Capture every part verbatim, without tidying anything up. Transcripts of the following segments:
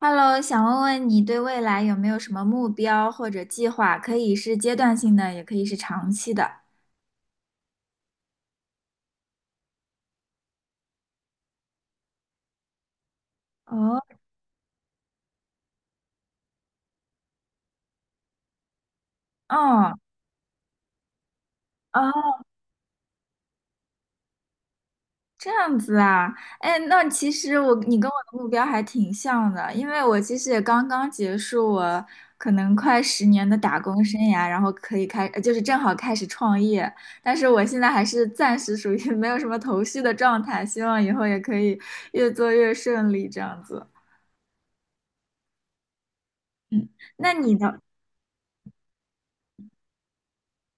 Hello,想问问你对未来有没有什么目标或者计划？可以是阶段性的，也可以是长期的。哦。哦。哦，这样子啊。哎，那其实我你跟我的目标还挺像的，因为我其实也刚刚结束我可能快十年的打工生涯，然后可以开，呃就是正好开始创业。但是我现在还是暂时属于 没有什么头绪的状态，希望以后也可以越做越顺利这样子。嗯，那你的。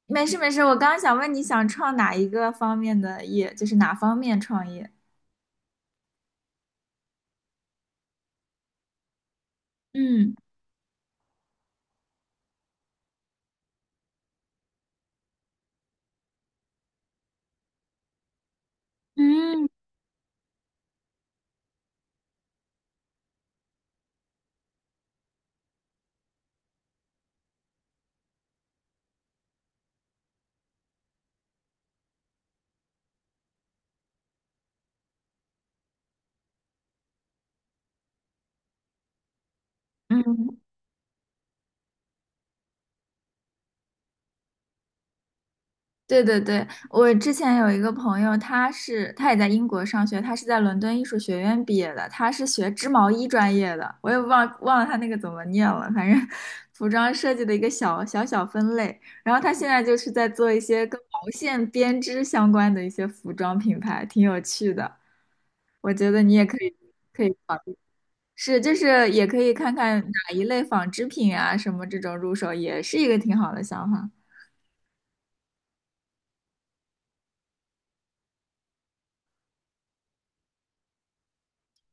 没事没事，我刚刚想问你想创哪一个方面的业，就是哪方面创业？嗯。嗯。嗯。对对对，我之前有一个朋友，他是他也在英国上学，他是在伦敦艺术学院毕业的，他是学织毛衣专业的，我也忘忘了他那个怎么念了，反正服装设计的一个小小小分类。然后他现在就是在做一些跟毛线编织相关的一些服装品牌，挺有趣的，我觉得你也可以。可以。是，就是也可以看看哪一类纺织品啊，什么这种入手也是一个挺好的想法。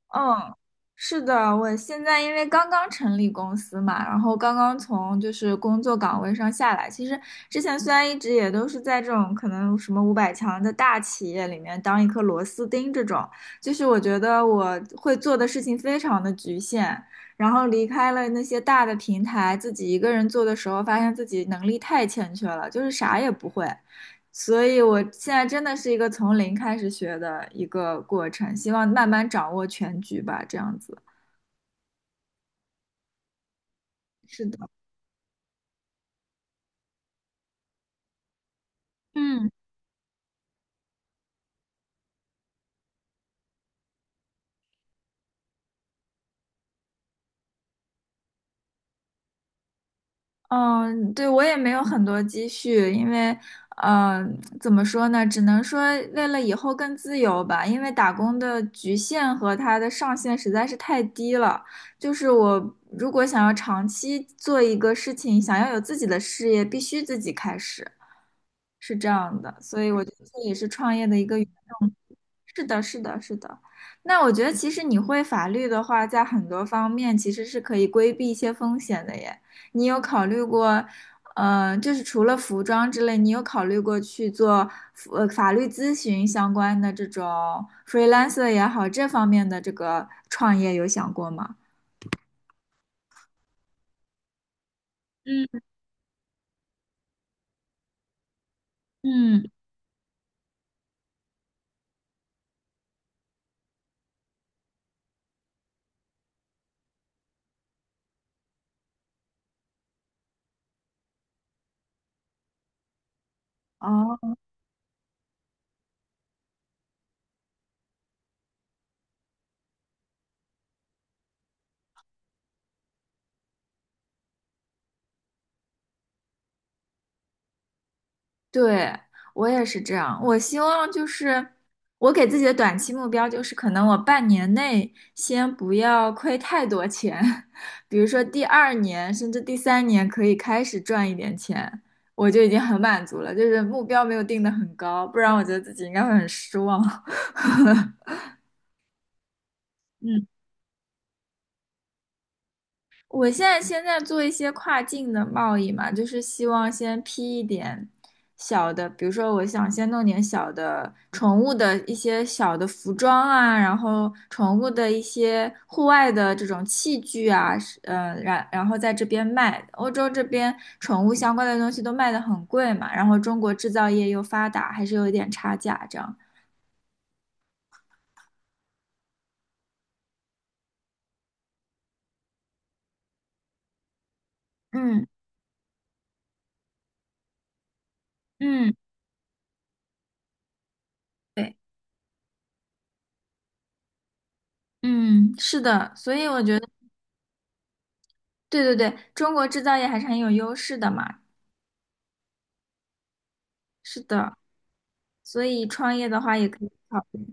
嗯，是的，我现在因为刚刚成立公司嘛，然后刚刚从就是工作岗位上下来。其实之前虽然一直也都是在这种可能什么五百强的大企业里面当一颗螺丝钉这种，就是我觉得我会做的事情非常的局限。然后离开了那些大的平台，自己一个人做的时候，发现自己能力太欠缺了，就是啥也不会。所以我现在真的是一个从零开始学的一个过程，希望慢慢掌握全局吧，这样子。是的。嗯。嗯，对，我也没有很多积蓄，因为，嗯，怎么说呢，只能说为了以后更自由吧，因为打工的局限和它的上限实在是太低了。就是我如果想要长期做一个事情，想要有自己的事业，必须自己开始，是这样的。所以我觉得这也是创业的一个。是的，是的，是的。那我觉得，其实你会法律的话，在很多方面其实是可以规避一些风险的耶。你有考虑过，呃，就是除了服装之类，你有考虑过去做呃法律咨询相关的这种 freelancer 也好，这方面的这个创业有想过吗？嗯。嗯。哦。对，我也是这样。我希望就是我给自己的短期目标就是，可能我半年内先不要亏太多钱，比如说第二年甚至第三年可以开始赚一点钱，我就已经很满足了。就是目标没有定得很高，不然我觉得自己应该会很失望。嗯。我现在现在做一些跨境的贸易嘛，就是希望先批一点小的，比如说我想先弄点小的宠物的一些小的服装啊，然后宠物的一些户外的这种器具啊，是呃，然然后在这边卖。欧洲这边宠物相关的东西都卖得很贵嘛，然后中国制造业又发达，还是有一点差价这样。嗯。嗯，对。嗯，是的，所以我觉得，对对对，中国制造业还是很有优势的嘛。是的，所以创业的话也可以考虑。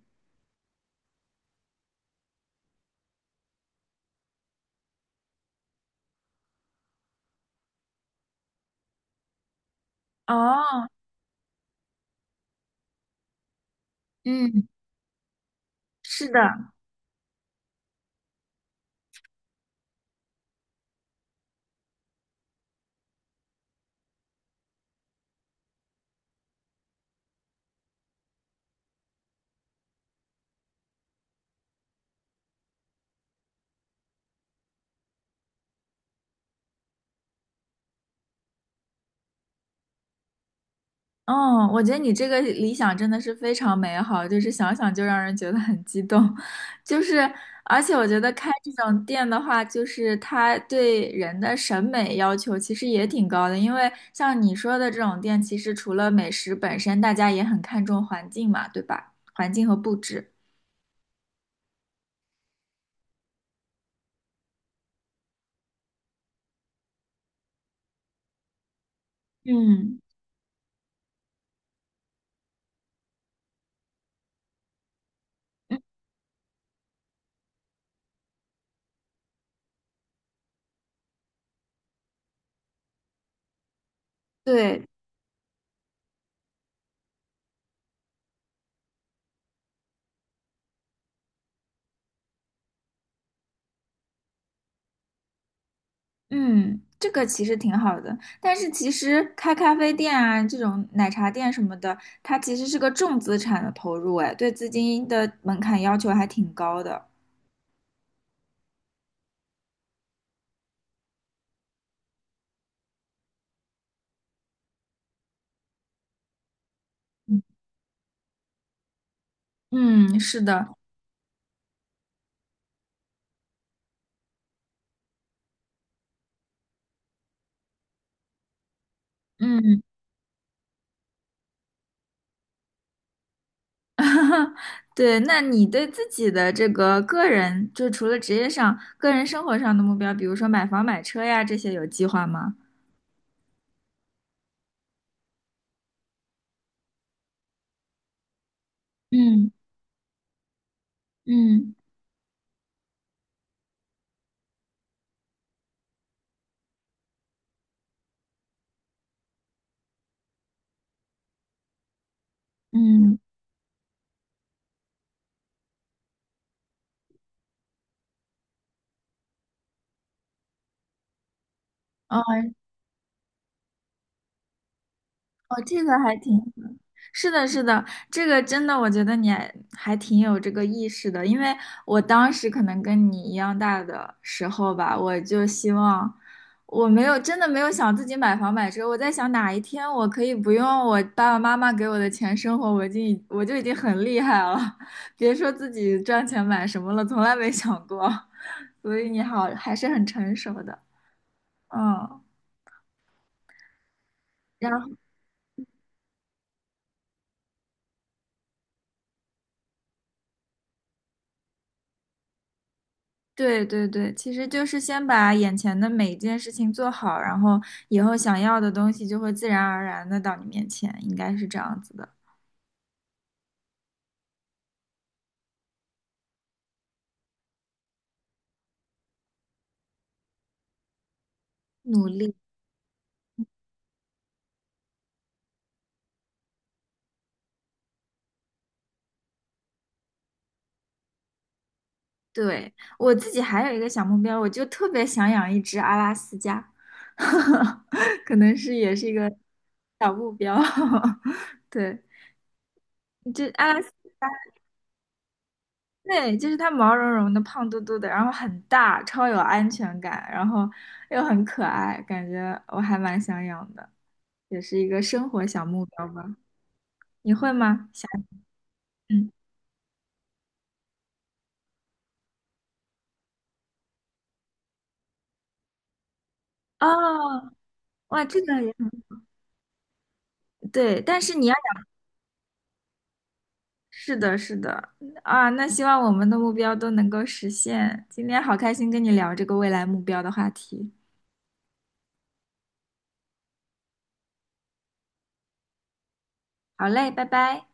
哦。嗯。是的。嗯，我觉得你这个理想真的是非常美好，就是想想就让人觉得很激动，就是而且我觉得开这种店的话，就是它对人的审美要求其实也挺高的，因为像你说的这种店，其实除了美食本身，大家也很看重环境嘛，对吧？环境和布置。嗯。嗯。对。嗯，这个其实挺好的，但是其实开咖啡店啊，这种奶茶店什么的，它其实是个重资产的投入，哎，对资金的门槛要求还挺高的。嗯，是的，嗯，对，那你对自己的这个个人，就除了职业上，个人生活上的目标，比如说买房、买车呀，这些有计划吗？嗯。嗯。嗯。哦。哦，这个还挺好，是的，是的，这个真的，我觉得你还还挺有这个意识的，因为我当时可能跟你一样大的时候吧，我就希望，我没有真的没有想自己买房买车，我在想哪一天我可以不用我爸爸妈妈给我的钱生活，我已经我就已经很厉害了，别说自己赚钱买什么了，从来没想过，所以你好，还是很成熟的，嗯。然后。对对对，其实就是先把眼前的每一件事情做好，然后以后想要的东西就会自然而然的到你面前，应该是这样子的。努力。对，我自己还有一个小目标，我就特别想养一只阿拉斯加，可能是也是一个小目标。对，这阿拉斯。对，就是它毛茸茸的、胖嘟嘟的，然后很大，超有安全感，然后又很可爱，感觉我还蛮想养的。也是一个生活小目标吧？你会吗？想。嗯。哦。哇，这个也很对，但是你要养，是的，是的，啊，那希望我们的目标都能够实现。今天好开心跟你聊这个未来目标的话题。好嘞，拜拜。